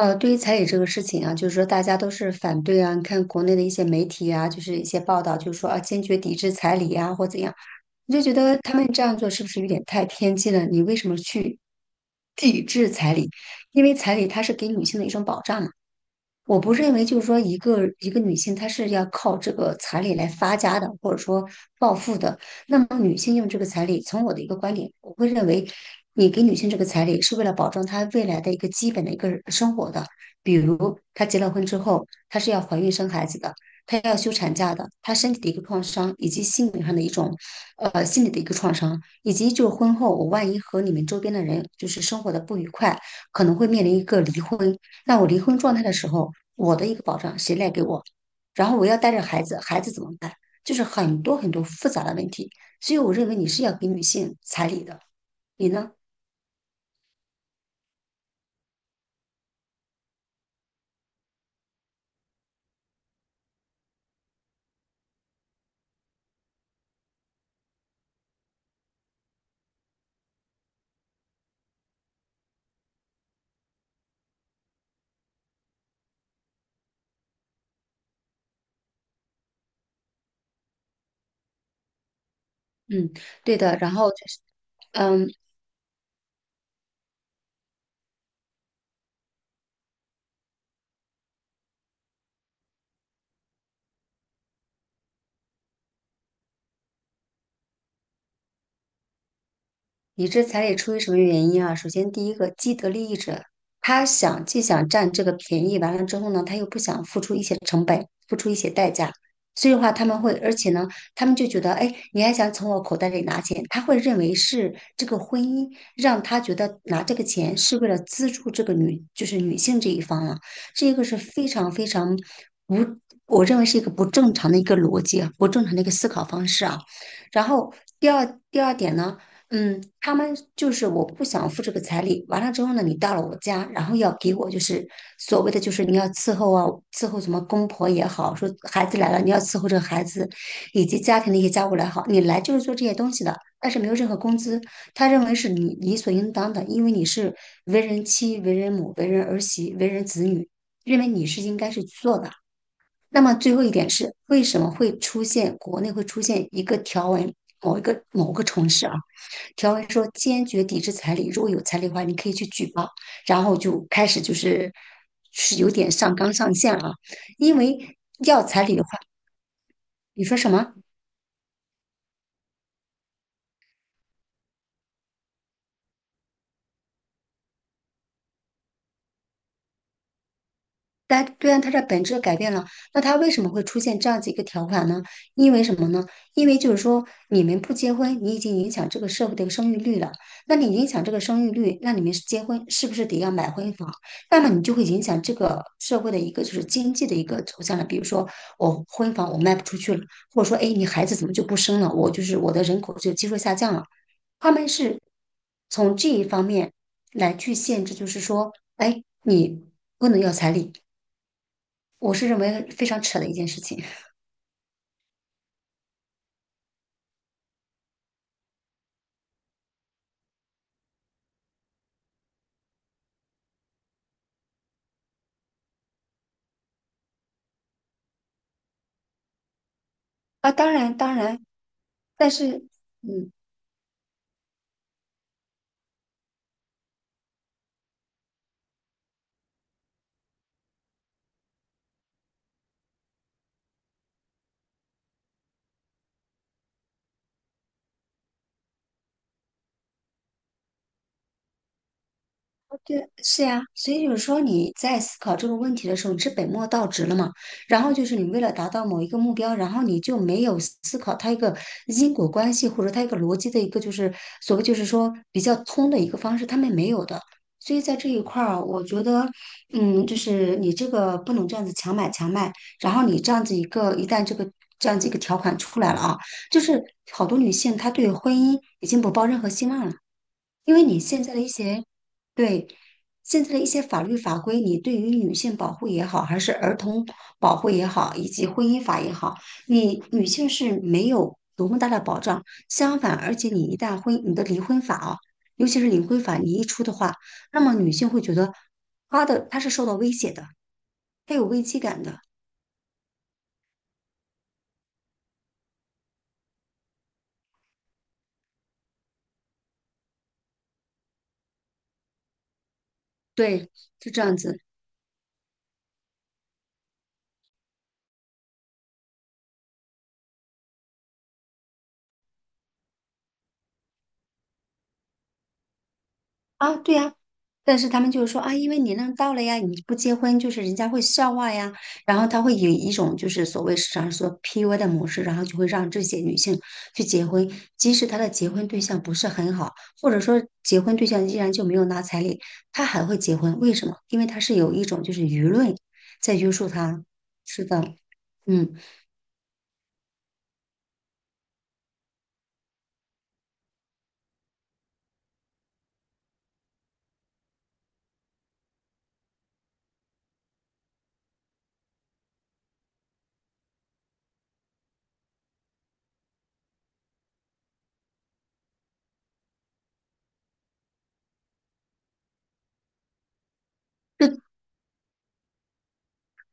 对于彩礼这个事情啊，就是说大家都是反对啊。你看国内的一些媒体啊，就是一些报道，就是说啊，坚决抵制彩礼啊，或怎样，你就觉得他们这样做是不是有点太偏激了？你为什么去抵制彩礼？因为彩礼它是给女性的一种保障嘛。我不认为就是说一个女性她是要靠这个彩礼来发家的，或者说暴富的。那么女性用这个彩礼，从我的一个观点，我会认为，你给女性这个彩礼是为了保证她未来的一个基本的一个生活的，比如她结了婚之后，她是要怀孕生孩子的，她要休产假的，她身体的一个创伤，以及心理上的一种心理的一个创伤，以及就是婚后我万一和你们周边的人就是生活的不愉快，可能会面临一个离婚。那我离婚状态的时候，我的一个保障谁来给我？然后我要带着孩子，孩子怎么办？就是很多很多复杂的问题，所以我认为你是要给女性彩礼的，你呢？嗯，对的。然后就是嗯，理智彩礼出于什么原因啊？首先，第一个既得利益者，他想既想占这个便宜，完了之后呢，他又不想付出一些成本，付出一些代价，所以的话他们会，而且呢，他们就觉得，哎，你还想从我口袋里拿钱？他会认为是这个婚姻让他觉得拿这个钱是为了资助这个女，就是女性这一方了、这个是非常非常不，我认为是一个不正常的一个逻辑啊，不正常的一个思考方式啊。然后第二点呢？嗯，他们就是我不想付这个彩礼。完了之后呢，你到了我家，然后要给我就是所谓的就是你要伺候啊，伺候什么公婆也好，说孩子来了你要伺候这个孩子，以及家庭的一些家务来好，你来就是做这些东西的，但是没有任何工资。他认为是你理所应当的，因为你是为人妻、为人母、为人儿媳、为人子女，认为你是应该是去做的。那么最后一点是，为什么会出现国内会出现一个条文，某一个某个城市啊？条文说坚决抵制彩礼，如果有彩礼的话，你可以去举报。然后就开始就是是有点上纲上线了啊，因为要彩礼的话，你说什么？但对啊，它的本质改变了。那它为什么会出现这样子一个条款呢？因为什么呢？因为就是说，你们不结婚，你已经影响这个社会的一个生育率了。那你影响这个生育率，那你们是结婚是不是得要买婚房？那么你就会影响这个社会的一个就是经济的一个走向了。比如说，我婚房我卖不出去了，或者说，哎，你孩子怎么就不生了？我就是我的人口就基数下降了。他们是从这一方面来去限制，就是说，哎，你不能要彩礼。我是认为非常扯的一件事情啊。当然，当然，但是，嗯，对，是呀，所以就是说你在思考这个问题的时候，你是本末倒置了嘛？然后就是你为了达到某一个目标，然后你就没有思考它一个因果关系，或者它一个逻辑的一个就是所谓就是说比较通的一个方式，他们没有的。所以在这一块儿，我觉得，嗯，就是你这个不能这样子强买强卖，然后你这样子一个一旦这个这样子一个条款出来了啊，就是好多女性她对婚姻已经不抱任何希望了。因为你现在的一些，对，现在的一些法律法规，你对于女性保护也好，还是儿童保护也好，以及婚姻法也好，你女性是没有多么大的保障。相反，而且你一旦婚，你的离婚法啊，尤其是离婚法，你一出的话，那么女性会觉得她的她是受到威胁的，她有危机感的。对，是这样子。啊，对呀，但是他们就是说啊，因为年龄到了呀，你不结婚就是人家会笑话呀，然后他会以一种就是所谓市场上说 PUA 的模式，然后就会让这些女性去结婚，即使她的结婚对象不是很好，或者说结婚对象依然就没有拿彩礼，她还会结婚，为什么？因为她是有一种就是舆论在约束她。是的，嗯。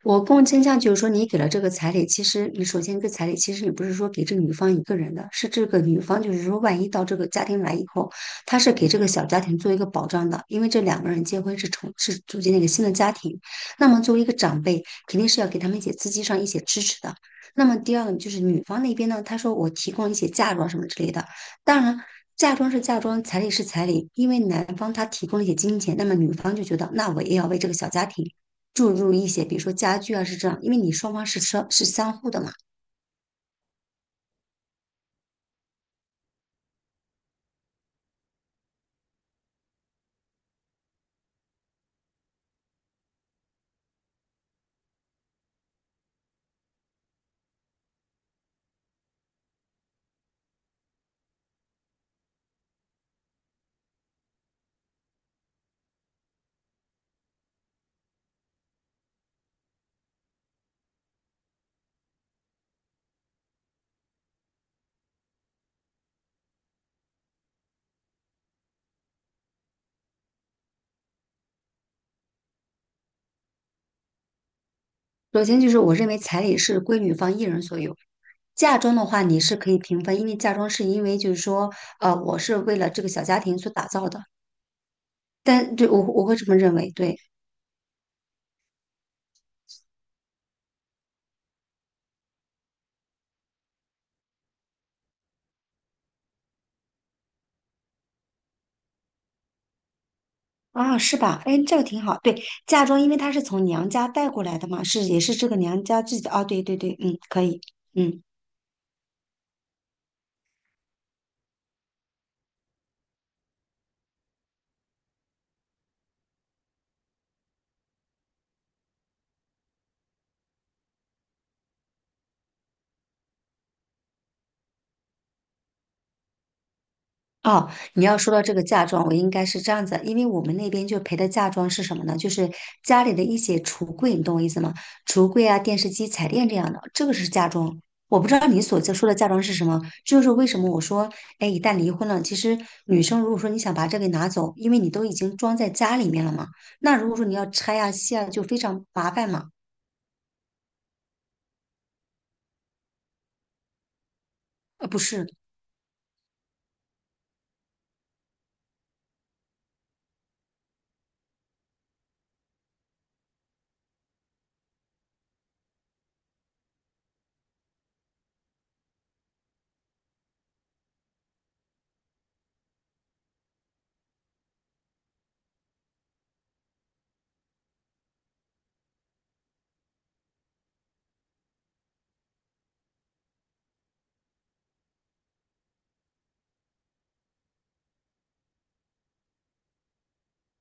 我更倾向就是说，你给了这个彩礼，其实你首先这个彩礼，其实你不是说给这个女方一个人的，是这个女方就是说，万一到这个家庭来以后，她是给这个小家庭做一个保障的，因为这两个人结婚是组建了一个新的家庭，那么作为一个长辈，肯定是要给他们一些资金上一些支持的。那么第二个就是女方那边呢，她说我提供一些嫁妆什么之类的，当然。嫁妆是嫁妆，彩礼是彩礼，因为男方他提供了一些金钱，那么女方就觉得，那我也要为这个小家庭注入一些，比如说家具啊，是这样，因为你双方是相互的嘛。首先就是我认为彩礼是归女方一人所有，嫁妆的话你是可以平分，因为嫁妆是因为就是说，我是为了这个小家庭所打造的，但对我我会这么认为，对。啊，是吧？哎，这个挺好。对，嫁妆因为它是从娘家带过来的嘛，是也是这个娘家自己的。哦，对对对，嗯，可以，嗯。哦，你要说到这个嫁妆，我应该是这样子，因为我们那边就陪的嫁妆是什么呢？就是家里的一些橱柜，你懂我意思吗？橱柜啊、电视机、彩电这样的，这个是嫁妆。我不知道你所在说的嫁妆是什么，这就是为什么我说，哎，一旦离婚了，其实女生如果说你想把这个拿走，因为你都已经装在家里面了嘛，那如果说你要拆啊、卸啊，就非常麻烦嘛。不是，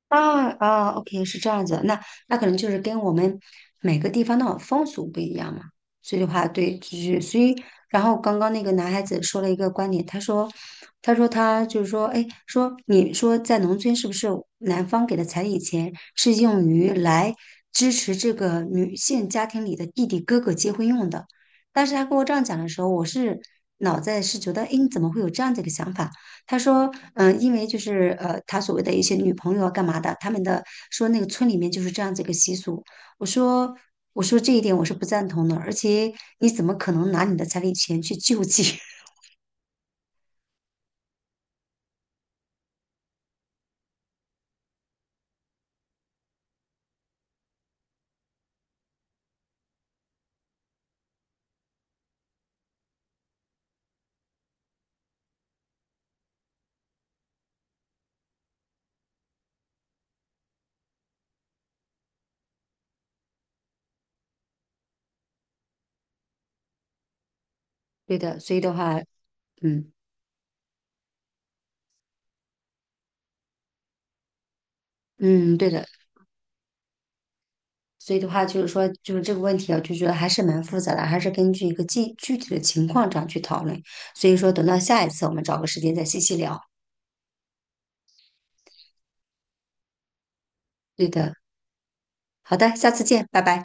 啊啊，OK,是这样子，那那可能就是跟我们每个地方的风俗不一样嘛，所以的话，对，就是所以，然后刚刚那个男孩子说了一个观点，他说，他说他就是说，哎，说你说在农村是不是男方给的彩礼钱是用于来支持这个女性家庭里的弟弟哥哥结婚用的？当时他跟我这样讲的时候，我是脑袋是觉得，哎，你怎么会有这样的一个想法？他说，嗯，因为就是他所谓的一些女朋友啊，干嘛的，他们的说那个村里面就是这样子一个习俗。我说，我说这一点我是不赞同的，而且你怎么可能拿你的彩礼钱去救济？对的，所以的话，嗯嗯，对的，所以的话就是说，就是这个问题啊，就觉得还是蛮复杂的，还是根据一个具体的情况这样去讨论。所以说，等到下一次我们找个时间再细细聊。对的，好的，下次见，拜拜。